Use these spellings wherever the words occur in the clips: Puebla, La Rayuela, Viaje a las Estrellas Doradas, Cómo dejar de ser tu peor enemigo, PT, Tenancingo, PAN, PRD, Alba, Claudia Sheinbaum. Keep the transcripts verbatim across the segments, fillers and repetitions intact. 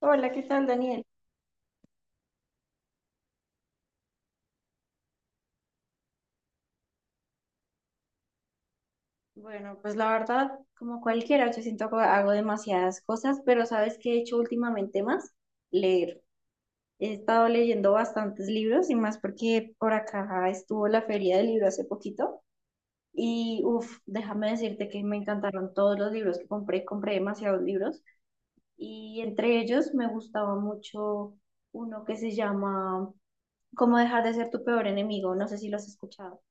Hola, ¿qué tal, Daniel? Bueno, pues la verdad, como cualquiera, yo siento que hago demasiadas cosas, pero ¿sabes qué he hecho últimamente más? Leer. He estado leyendo bastantes libros y más porque por acá estuvo la feria del libro hace poquito y uff, déjame decirte que me encantaron todos los libros que compré, compré demasiados libros y entre ellos me gustaba mucho uno que se llama Cómo dejar de ser tu peor enemigo, no sé si lo has escuchado.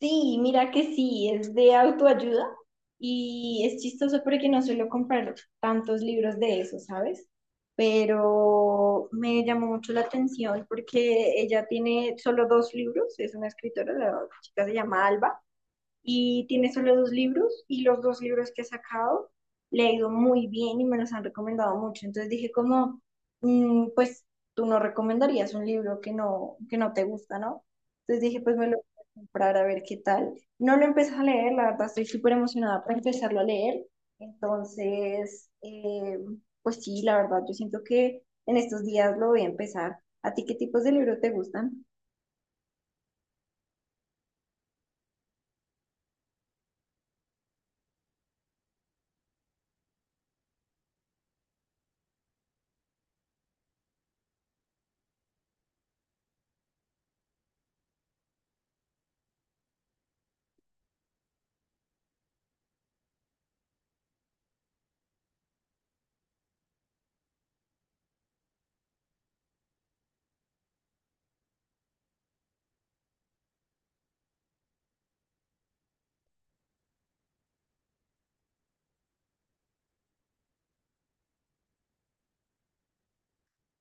Sí, mira que sí, es de autoayuda y es chistoso porque no suelo comprar tantos libros de eso, ¿sabes? Pero me llamó mucho la atención porque ella tiene solo dos libros, es una escritora, la chica se llama Alba y tiene solo dos libros y los dos libros que he sacado le ha ido muy bien y me los han recomendado mucho. Entonces dije como, mm, pues tú no recomendarías un libro que no, que no te gusta, ¿no? Entonces dije, pues me lo voy a comprar a ver qué tal. No lo empecé a leer, la verdad estoy súper emocionada para empezarlo a leer. Entonces, eh, pues sí, la verdad yo siento que en estos días lo voy a empezar. ¿A ti qué tipos de libros te gustan?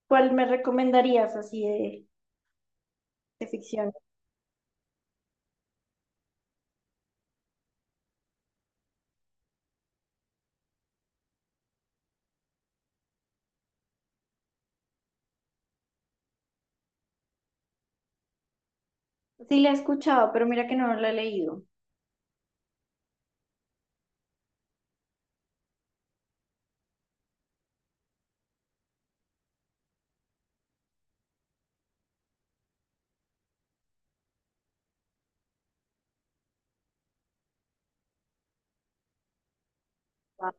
¿Cuál me recomendarías así de, de ficción? Sí, la he escuchado, pero mira que no la he leído. Ah.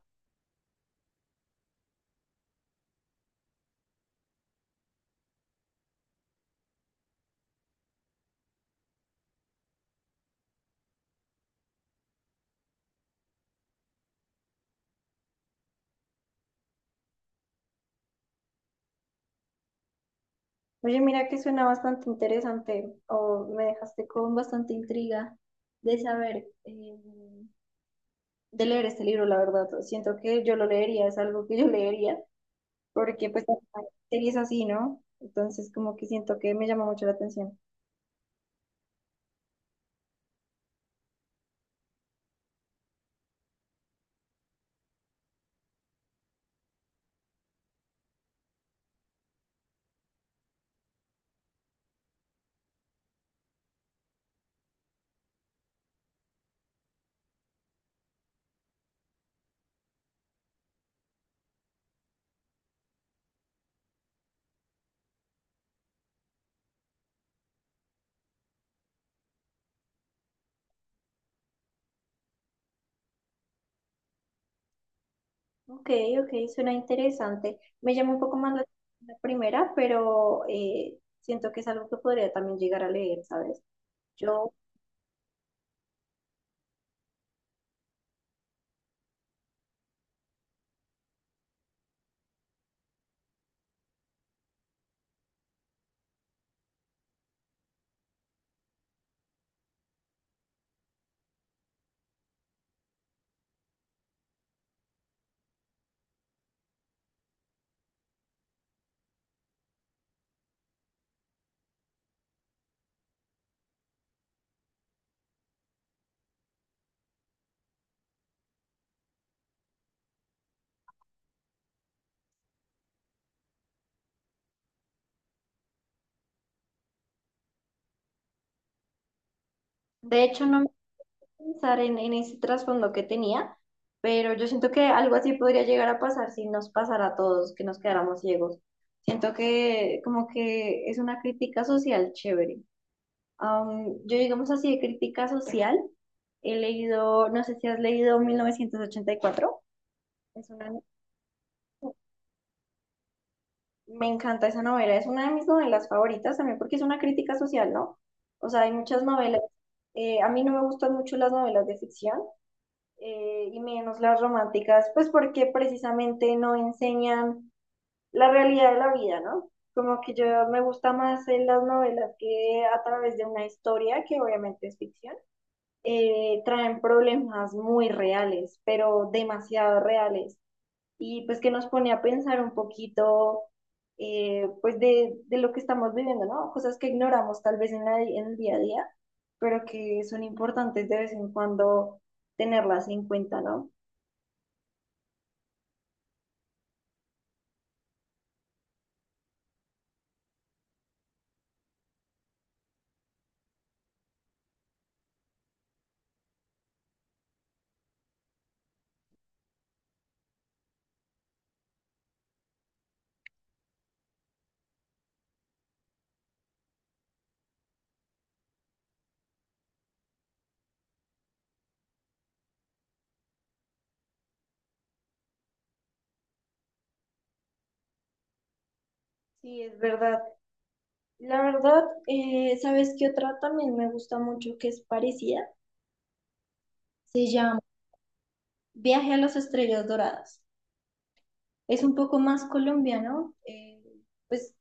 Oye, mira que suena bastante interesante o me dejaste con bastante intriga de saber, eh, de leer este libro, la verdad. Siento que yo lo leería, es algo que yo leería, porque pues hay series así, ¿no? Entonces como que siento que me llama mucho la atención. Ok, ok, suena interesante. Me llama un poco más la, la primera, pero eh, siento que es algo que podría también llegar a leer, ¿sabes? Yo, de hecho, no pensar en, en ese trasfondo que tenía, pero yo siento que algo así podría llegar a pasar si nos pasara a todos, que nos quedáramos ciegos. Siento que como que es una crítica social chévere. Am, yo digamos así de crítica social, he leído, no sé si has leído mil novecientos ochenta y cuatro. es una, Me encanta esa novela, es una de mis novelas favoritas también porque es una crítica social, ¿no? O sea, hay muchas novelas, eh, a mí no me gustan mucho las novelas de ficción, eh, y menos las románticas, pues porque precisamente no enseñan la realidad de la vida, ¿no? Como que yo me gusta más en las novelas que a través de una historia, que obviamente es ficción, eh, traen problemas muy reales, pero demasiado reales, y pues que nos pone a pensar un poquito, eh, pues de, de lo que estamos viviendo, ¿no? Cosas que ignoramos tal vez en, la, en el día a día, pero que son importantes de vez en cuando tenerlas en cuenta, ¿no? Sí, es verdad. La verdad, eh, ¿sabes qué otra también me gusta mucho que es parecida? Se llama Viaje a las Estrellas Doradas. Es un poco más colombiano, eh, pues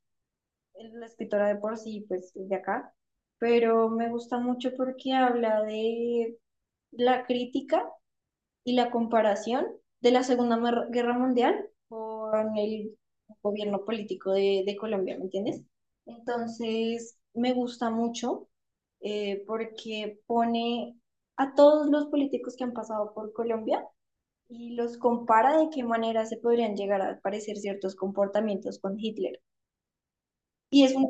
la escritora de por sí, pues es de acá, pero me gusta mucho porque habla de la crítica y la comparación de la Segunda Guerra Mundial con el gobierno político de, de Colombia, ¿me entiendes? Entonces, me gusta mucho eh, porque pone a todos los políticos que han pasado por Colombia y los compara de qué manera se podrían llegar a parecer ciertos comportamientos con Hitler. Y es un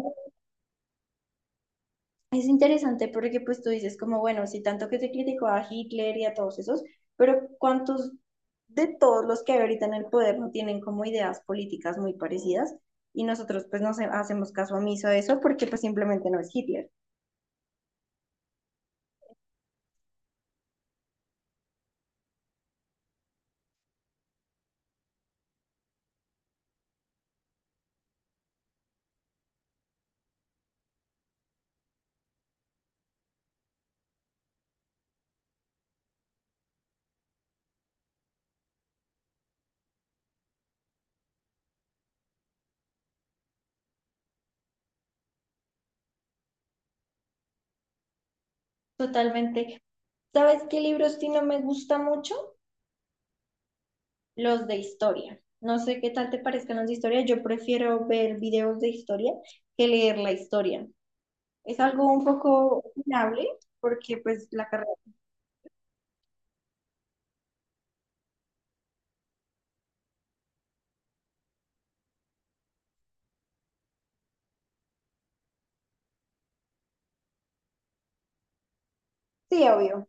Es interesante porque pues tú dices como, bueno, si tanto que se criticó a Hitler y a todos esos, pero ¿cuántos de todos los que hay ahorita en el poder no tienen como ideas políticas muy parecidas? Y nosotros pues no se- hacemos caso omiso a eso porque pues simplemente no es Hitler. Totalmente. ¿Sabes qué libros sí no me gusta mucho? Los de historia. No sé qué tal te parezcan los de historia, yo prefiero ver videos de historia que leer la historia. Es algo un poco opinable porque pues la carrera. Sí, obvio.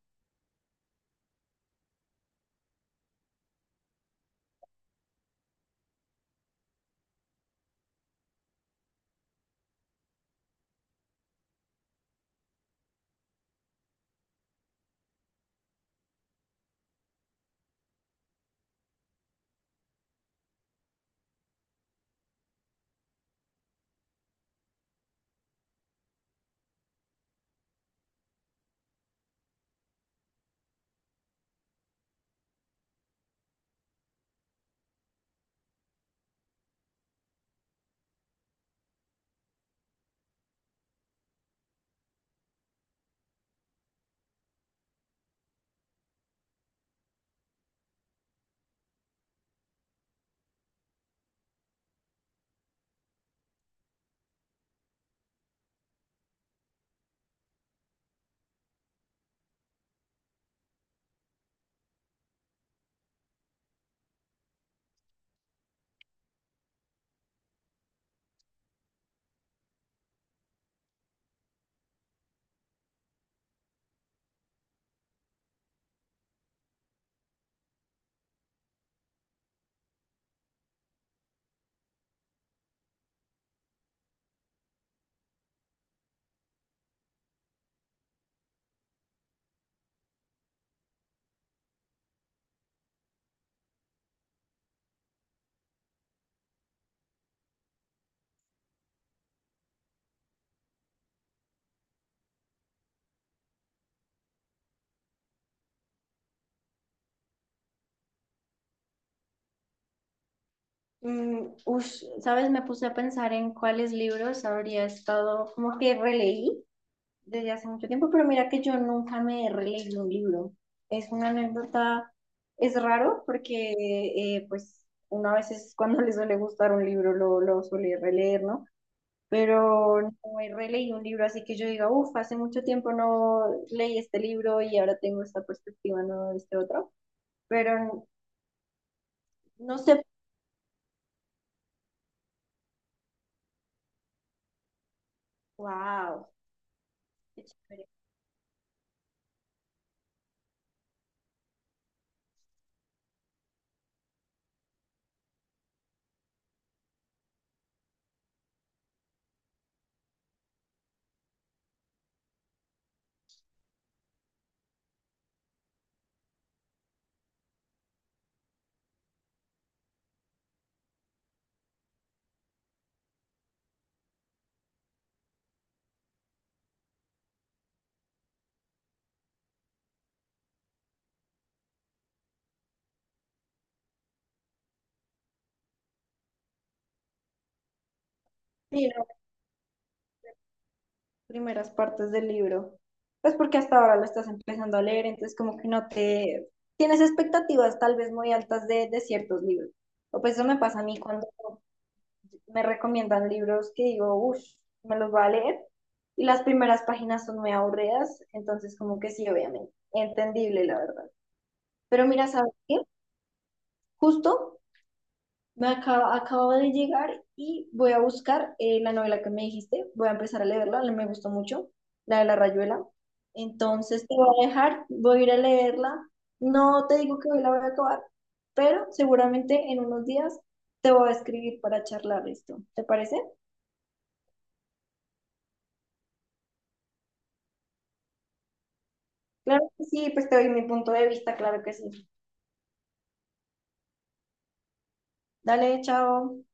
Mm, ush, ¿sabes? Me puse a pensar en cuáles libros habría estado, como que releí desde hace mucho tiempo, pero mira que yo nunca me he releído un libro. Es una anécdota, es raro porque eh, pues uno a veces cuando le suele gustar un libro lo, lo suele releer, ¿no? Pero no he releído un libro así que yo diga, uff, hace mucho tiempo no leí este libro y ahora tengo esta perspectiva, no este otro, pero n- no sé, wow, qué chévere. Sí, las primeras partes del libro, pues porque hasta ahora lo estás empezando a leer, entonces como que no te, tienes expectativas tal vez muy altas de, de ciertos libros, o pues eso me pasa a mí cuando me recomiendan libros que digo, uff, me los voy a leer. Y las primeras páginas son muy aburridas, entonces como que sí, obviamente, entendible la verdad. Pero mira, ¿sabes qué? Justo me acaba, acabo de llegar y voy a buscar eh, la novela que me dijiste, voy a empezar a leerla, la- me gustó mucho, la de La Rayuela. Entonces te voy a dejar, voy a ir a leerla. No te digo que hoy la voy a acabar, pero seguramente en unos días te voy a escribir para charlar esto. ¿Te parece? Claro que sí, pues te doy mi punto de vista, claro que sí. Dale, chao.